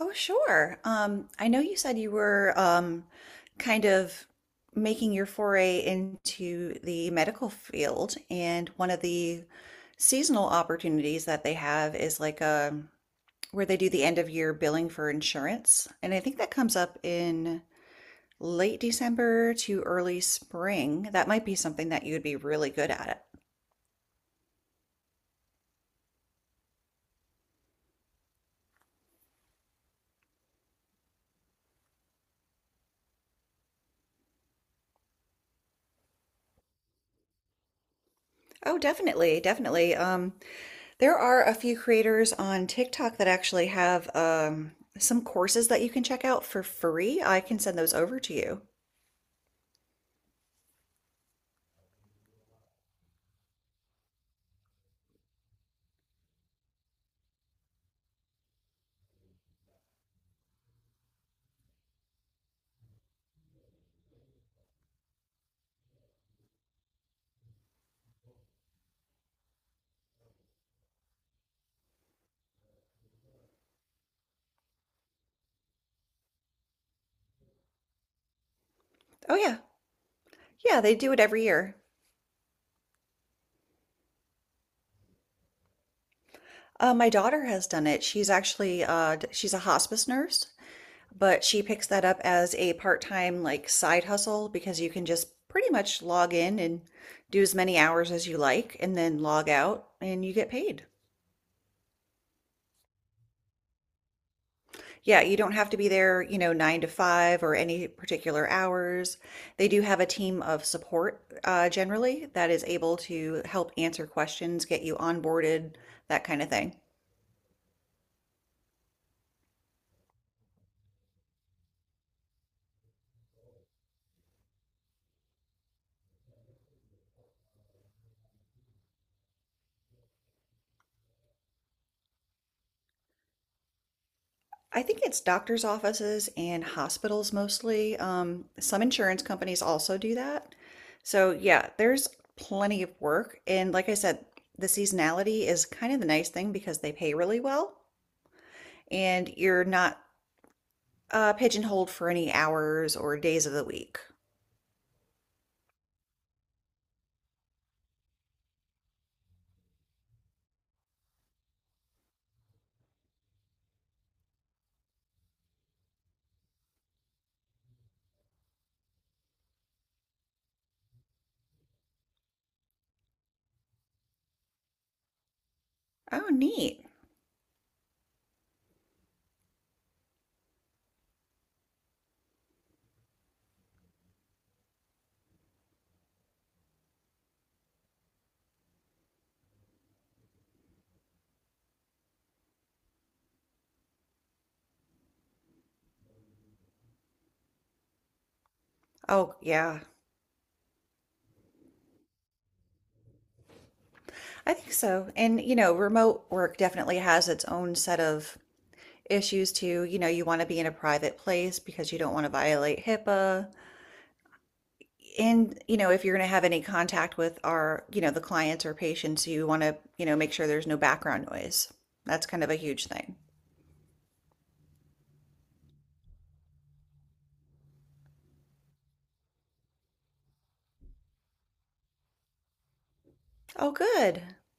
Oh, sure. I know you said you were kind of making your foray into the medical field, and one of the seasonal opportunities that they have is like a where they do the end of year billing for insurance. And I think that comes up in late December to early spring. That might be something that you would be really good at. Oh, definitely. There are a few creators on TikTok that actually have some courses that you can check out for free. I can send those over to you. Oh yeah, yeah, they do it every year. My daughter has done it. She's actually she's a hospice nurse, but she picks that up as a part-time like side hustle because you can just pretty much log in and do as many hours as you like, and then log out, and you get paid. Yeah, you don't have to be there, you know, nine to five or any particular hours. They do have a team of support generally that is able to help answer questions, get you onboarded, that kind of thing. I think it's doctor's offices and hospitals mostly. Some insurance companies also do that. So, yeah, there's plenty of work. And like I said, the seasonality is kind of the nice thing because they pay really well and you're not pigeonholed for any hours or days of the week. Oh, neat. Oh, yeah. I think so. And, you know, remote work definitely has its own set of issues too. You know, you want to be in a private place because you don't want to violate HIPAA. And, you know, if you're going to have any contact with our, you know, the clients or patients, you want to, you know, make sure there's no background noise. That's kind of a huge thing. Oh, good.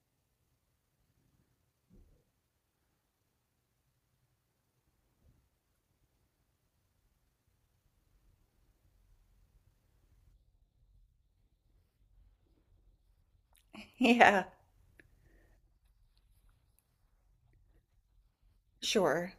Yeah, sure.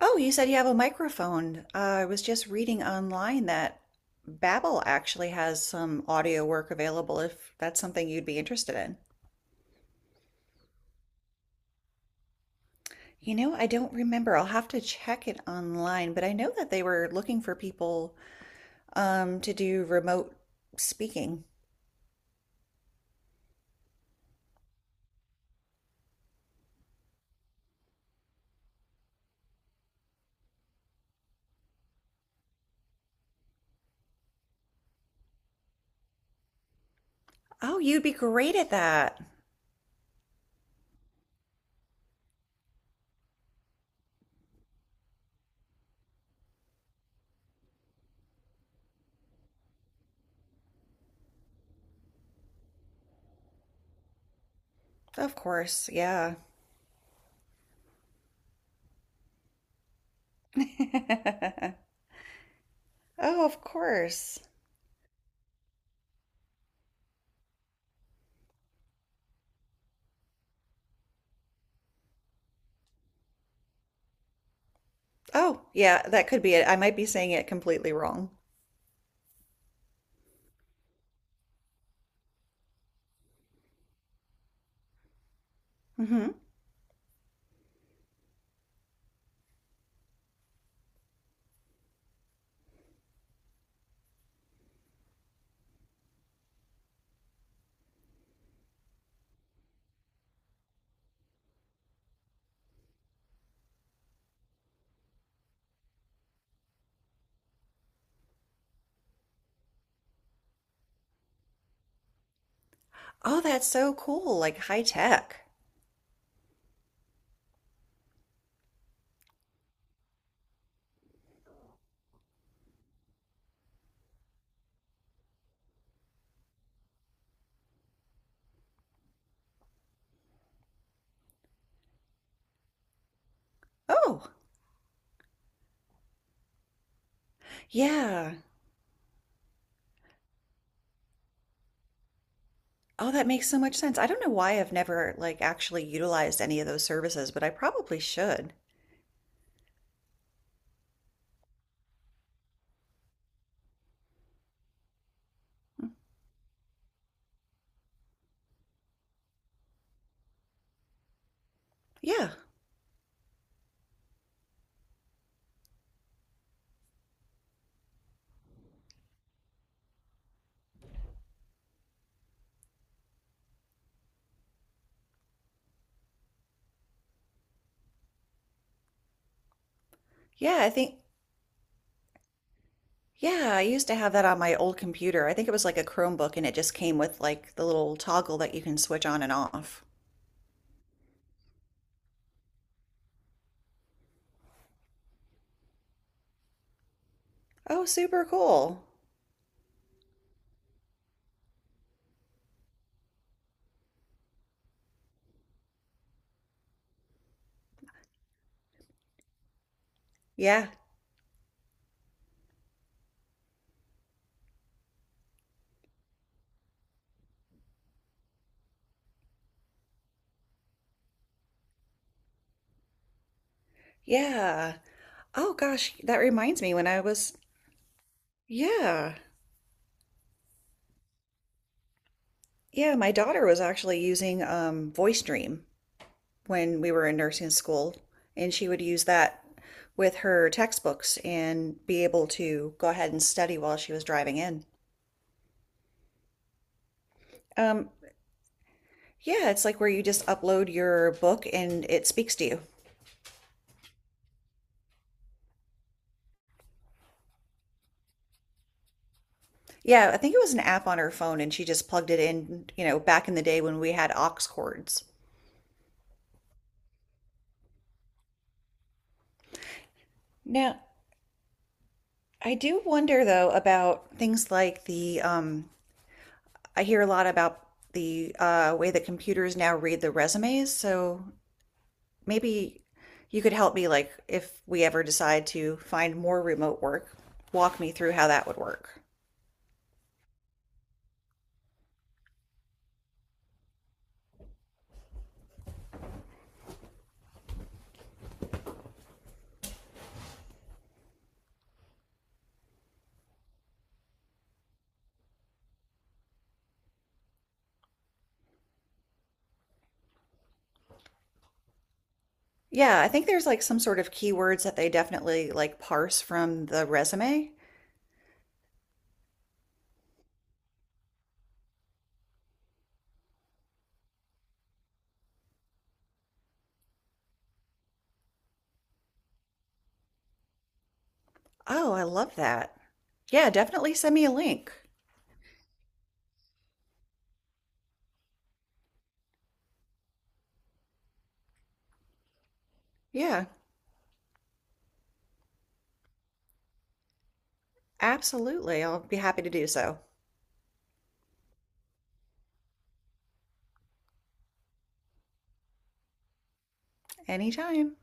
Oh, you said you have a microphone. I was just reading online that Babbel actually has some audio work available if that's something you'd be interested in. You know, I don't remember. I'll have to check it online, but I know that they were looking for people to do remote speaking. Oh, you'd be great at that. Of course, yeah. Oh, of course. Oh, yeah, that could be it. I might be saying it completely wrong. Hmm. Oh, that's so cool, like high tech. Oh, yeah. Oh, that makes so much sense. I don't know why I've never like actually utilized any of those services, but I probably should. Yeah. Yeah, I think yeah, I used to have that on my old computer. I think it was like a Chromebook and it just came with like the little toggle that you can switch on and off. Oh, super cool. Yeah. Yeah. Oh gosh, that reminds me when I was yeah. Yeah, my daughter was actually using VoiceDream when we were in nursing school, and she would use that with her textbooks and be able to go ahead and study while she was driving in. Um, yeah, it's like where you just upload your book and it speaks to you. Yeah, I think it was an app on her phone and she just plugged it in, you know, back in the day when we had aux cords. Now, I do wonder though about things like the I hear a lot about the way that computers now read the resumes. So maybe you could help me, like, if we ever decide to find more remote work, walk me through how that would work. Yeah, I think there's like some sort of keywords that they definitely like parse from the resume. Oh, I love that. Yeah, definitely send me a link. Yeah, absolutely. I'll be happy to do so anytime.